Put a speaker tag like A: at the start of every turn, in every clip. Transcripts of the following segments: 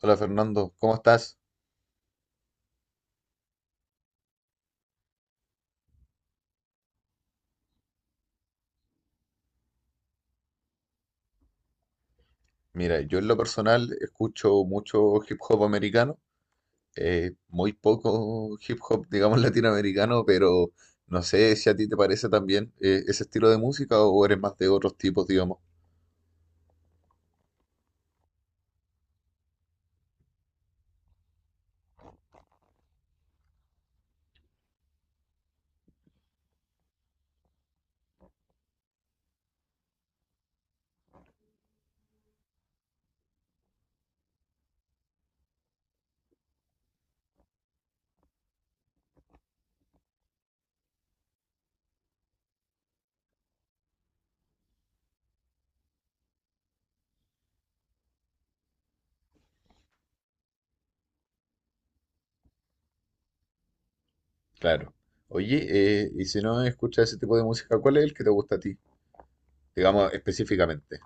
A: Hola Fernando, ¿cómo estás? Mira, yo en lo personal escucho mucho hip hop americano, muy poco hip hop, digamos, latinoamericano, pero no sé si a ti te parece también ese estilo de música o eres más de otros tipos, digamos. Claro. Oye, y si no escuchas ese tipo de música, ¿cuál es el que te gusta a ti? Digamos, específicamente.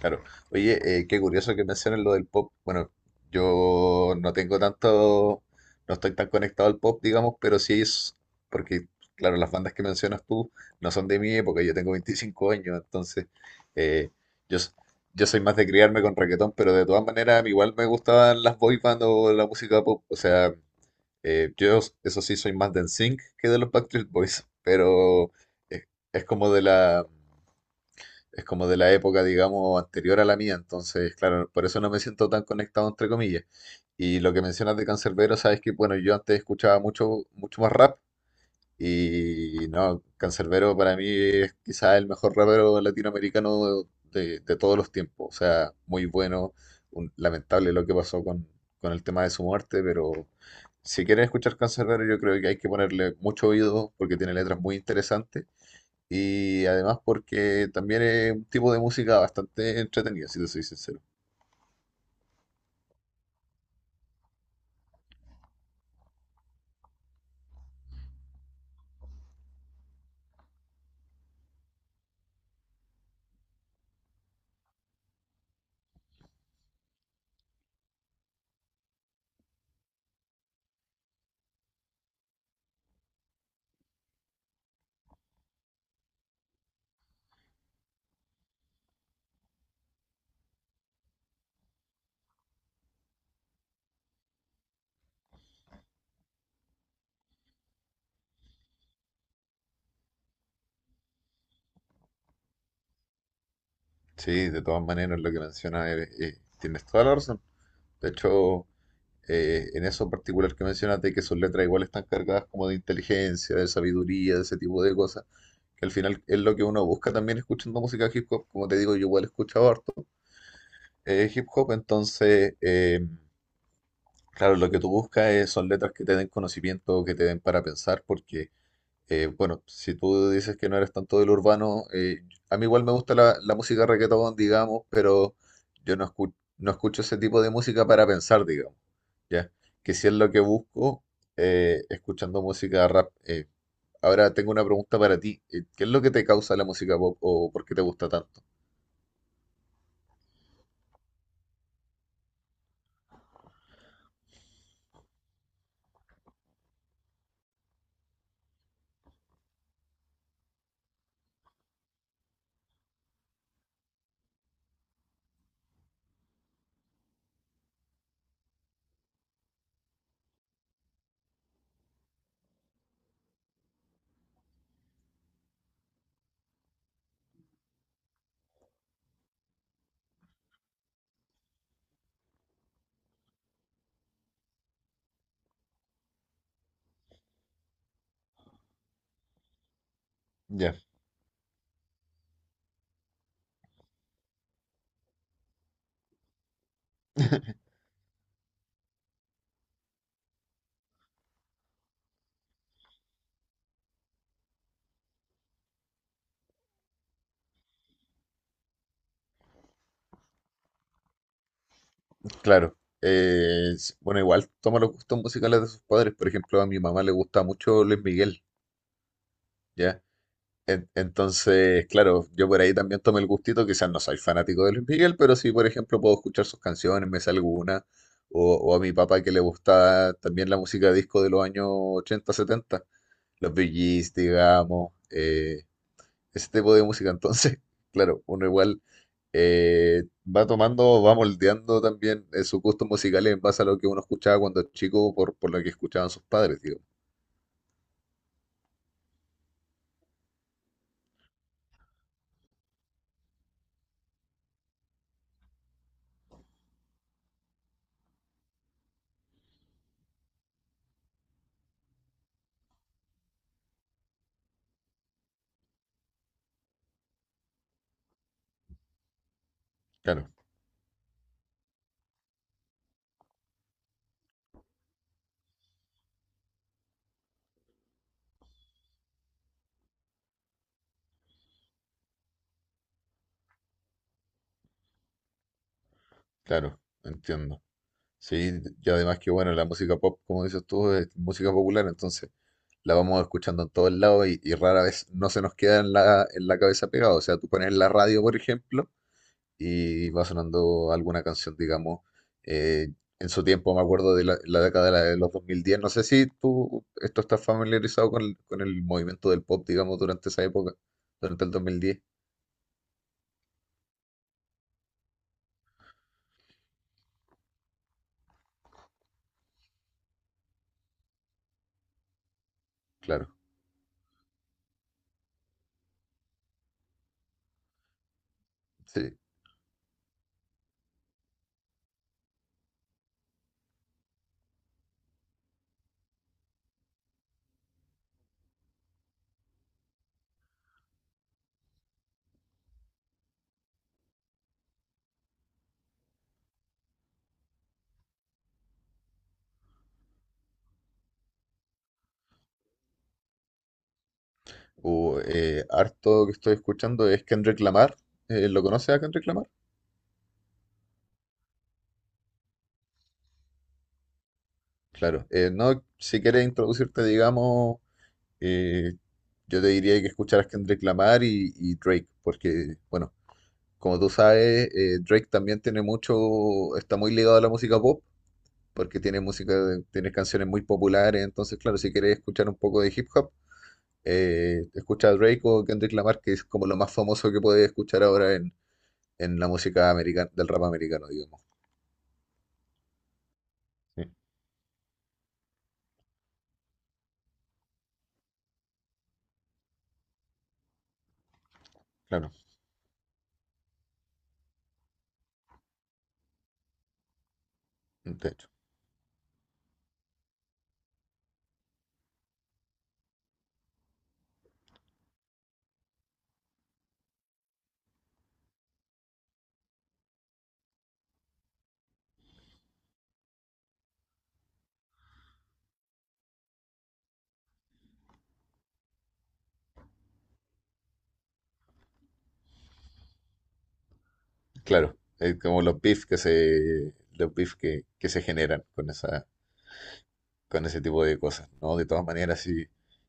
A: Claro. Oye, qué curioso que mencionen lo del pop. Bueno, yo no tengo tanto, no estoy tan conectado al pop, digamos, pero sí es, porque, claro, las bandas que mencionas tú no son de mi época, yo tengo 25 años, entonces eh, yo, s- yo soy más de criarme con reggaetón, pero de todas maneras, a mí igual me gustaban las boy band o la música pop. O sea, eso sí, soy más de NSYNC que de los Backstreet Boys, pero eh, es como de la es como de la época, digamos, anterior a la mía, entonces, claro, por eso no me siento tan conectado, entre comillas. Y lo que mencionas de Canserbero, sabes que, bueno, yo antes escuchaba mucho, mucho más rap y no, Canserbero para mí es quizás el mejor rapero latinoamericano de todos los tiempos, o sea, muy bueno, lamentable lo que pasó con el tema de su muerte, pero. Si quieren escuchar Canserbero, yo creo que hay que ponerle mucho oído porque tiene letras muy interesantes. Y además porque también es un tipo de música bastante entretenida, si te soy sincero. Sí, de todas maneras lo que mencionas tienes toda la razón. De hecho, en eso en particular que mencionas de que sus letras igual están cargadas como de inteligencia, de sabiduría, de ese tipo de cosas, que al final es lo que uno busca también escuchando música hip hop. Como te digo, yo igual he escuchado harto hip hop, entonces, claro, lo que tú buscas son letras que te den conocimiento, que te den para pensar, porque. Bueno, si tú dices que no eres tanto del urbano, a mí igual me gusta la música reggaetón, digamos, pero yo no escucho ese tipo de música para pensar, digamos, ¿ya? Que si es lo que busco, escuchando música rap. Ahora tengo una pregunta para ti. ¿Qué es lo que te causa la música pop o por qué te gusta tanto? Ya, claro. Bueno, igual toma los gustos musicales de sus padres. Por ejemplo, a mi mamá le gusta mucho Luis Miguel, ¿ya? Entonces, claro, yo por ahí también tomé el gustito, quizás no soy fanático de Luis Miguel, pero sí, por ejemplo, puedo escuchar sus canciones, me sé alguna, o a mi papá que le gusta también la música disco de los años 80, 70, los Bee Gees, digamos, ese tipo de música. Entonces, claro, uno igual va tomando, va moldeando también sus gustos musicales en base a lo que uno escuchaba cuando chico, por lo que escuchaban sus padres, digo. Claro, claro, entiendo. Sí, y además que bueno, la música pop, como dices tú, es música popular, entonces la vamos escuchando en todos lados y rara vez no se nos queda en la cabeza pegada. O sea, tú pones la radio, por ejemplo, y va sonando alguna canción, digamos, eh, en su tiempo, me acuerdo de la década de los 2010, no sé si tú esto estás familiarizado con el movimiento del pop, digamos, durante esa época, durante el 2010, claro, sí. O, harto que estoy escuchando es Kendrick Lamar, ¿lo conoces a Kendrick Lamar? Claro, no, si quieres introducirte, digamos, eh, yo te diría que escucharas Kendrick Lamar y Drake, porque, bueno, como tú sabes, Drake también tiene mucho, está muy ligado a la música pop, porque tiene música, tiene canciones muy populares, entonces, claro, si quieres escuchar un poco de hip hop, escucha a Drake o Kendrick Lamar, que es como lo más famoso que puedes escuchar ahora en la música americana, del rap americano, digamos. Sí, claro, de hecho. Claro, es como los beef que se generan con esa, con ese tipo de cosas, ¿no? De todas maneras, sí.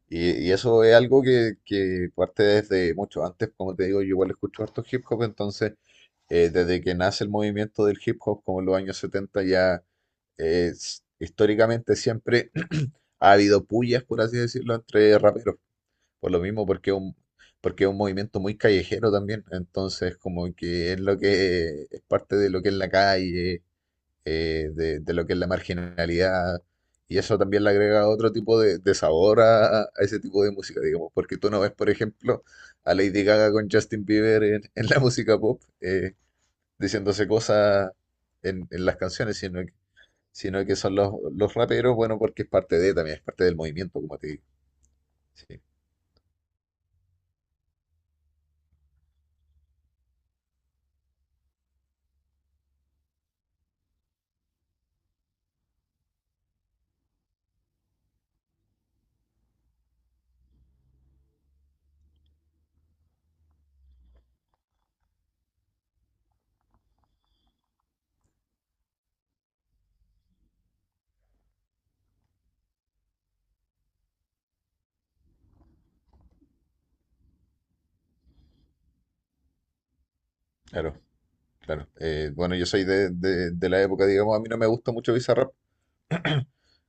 A: Y eso es algo que parte desde mucho antes, como te digo, yo igual escucho harto hip hop, entonces desde que nace el movimiento del hip hop, como en los años 70 ya históricamente siempre ha habido pullas, por así decirlo, entre raperos. Por lo mismo, porque es un movimiento muy callejero también. Entonces, como que es lo que es parte de lo que es la calle, de lo que es la marginalidad. Y eso también le agrega otro tipo de sabor a ese tipo de música, digamos. Porque tú no ves, por ejemplo, a Lady Gaga con Justin Bieber en, en la música pop, diciéndose cosas en las canciones, sino que son los raperos, bueno, porque es parte de, también es parte del movimiento, como te digo. Sí, claro. Claro, bueno, yo soy de, de la época, digamos, a mí no me gusta mucho Bizarrap,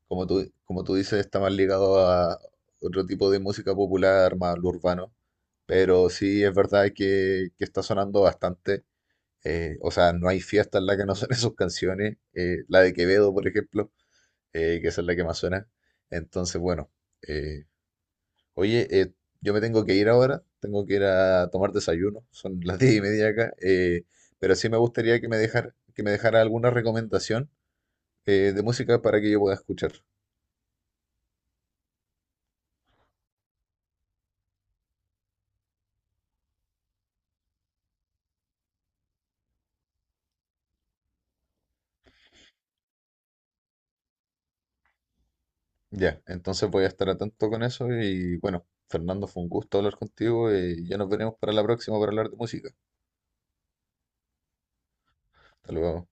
A: como tú dices, está más ligado a otro tipo de música popular, más lo urbano, pero sí es verdad que está sonando bastante, o sea, no hay fiesta en la que no suenen sus canciones, la de Quevedo, por ejemplo, que esa es la que más suena, entonces, bueno, eh, oye, yo me tengo que ir ahora, tengo que ir a tomar desayuno, son las 10:30 acá, pero sí me gustaría que me dejara alguna recomendación de música para que yo pueda escuchar. Ya, entonces voy a estar atento con eso y bueno, Fernando, fue un gusto hablar contigo y ya nos veremos para la próxima para hablar de música. Hasta luego.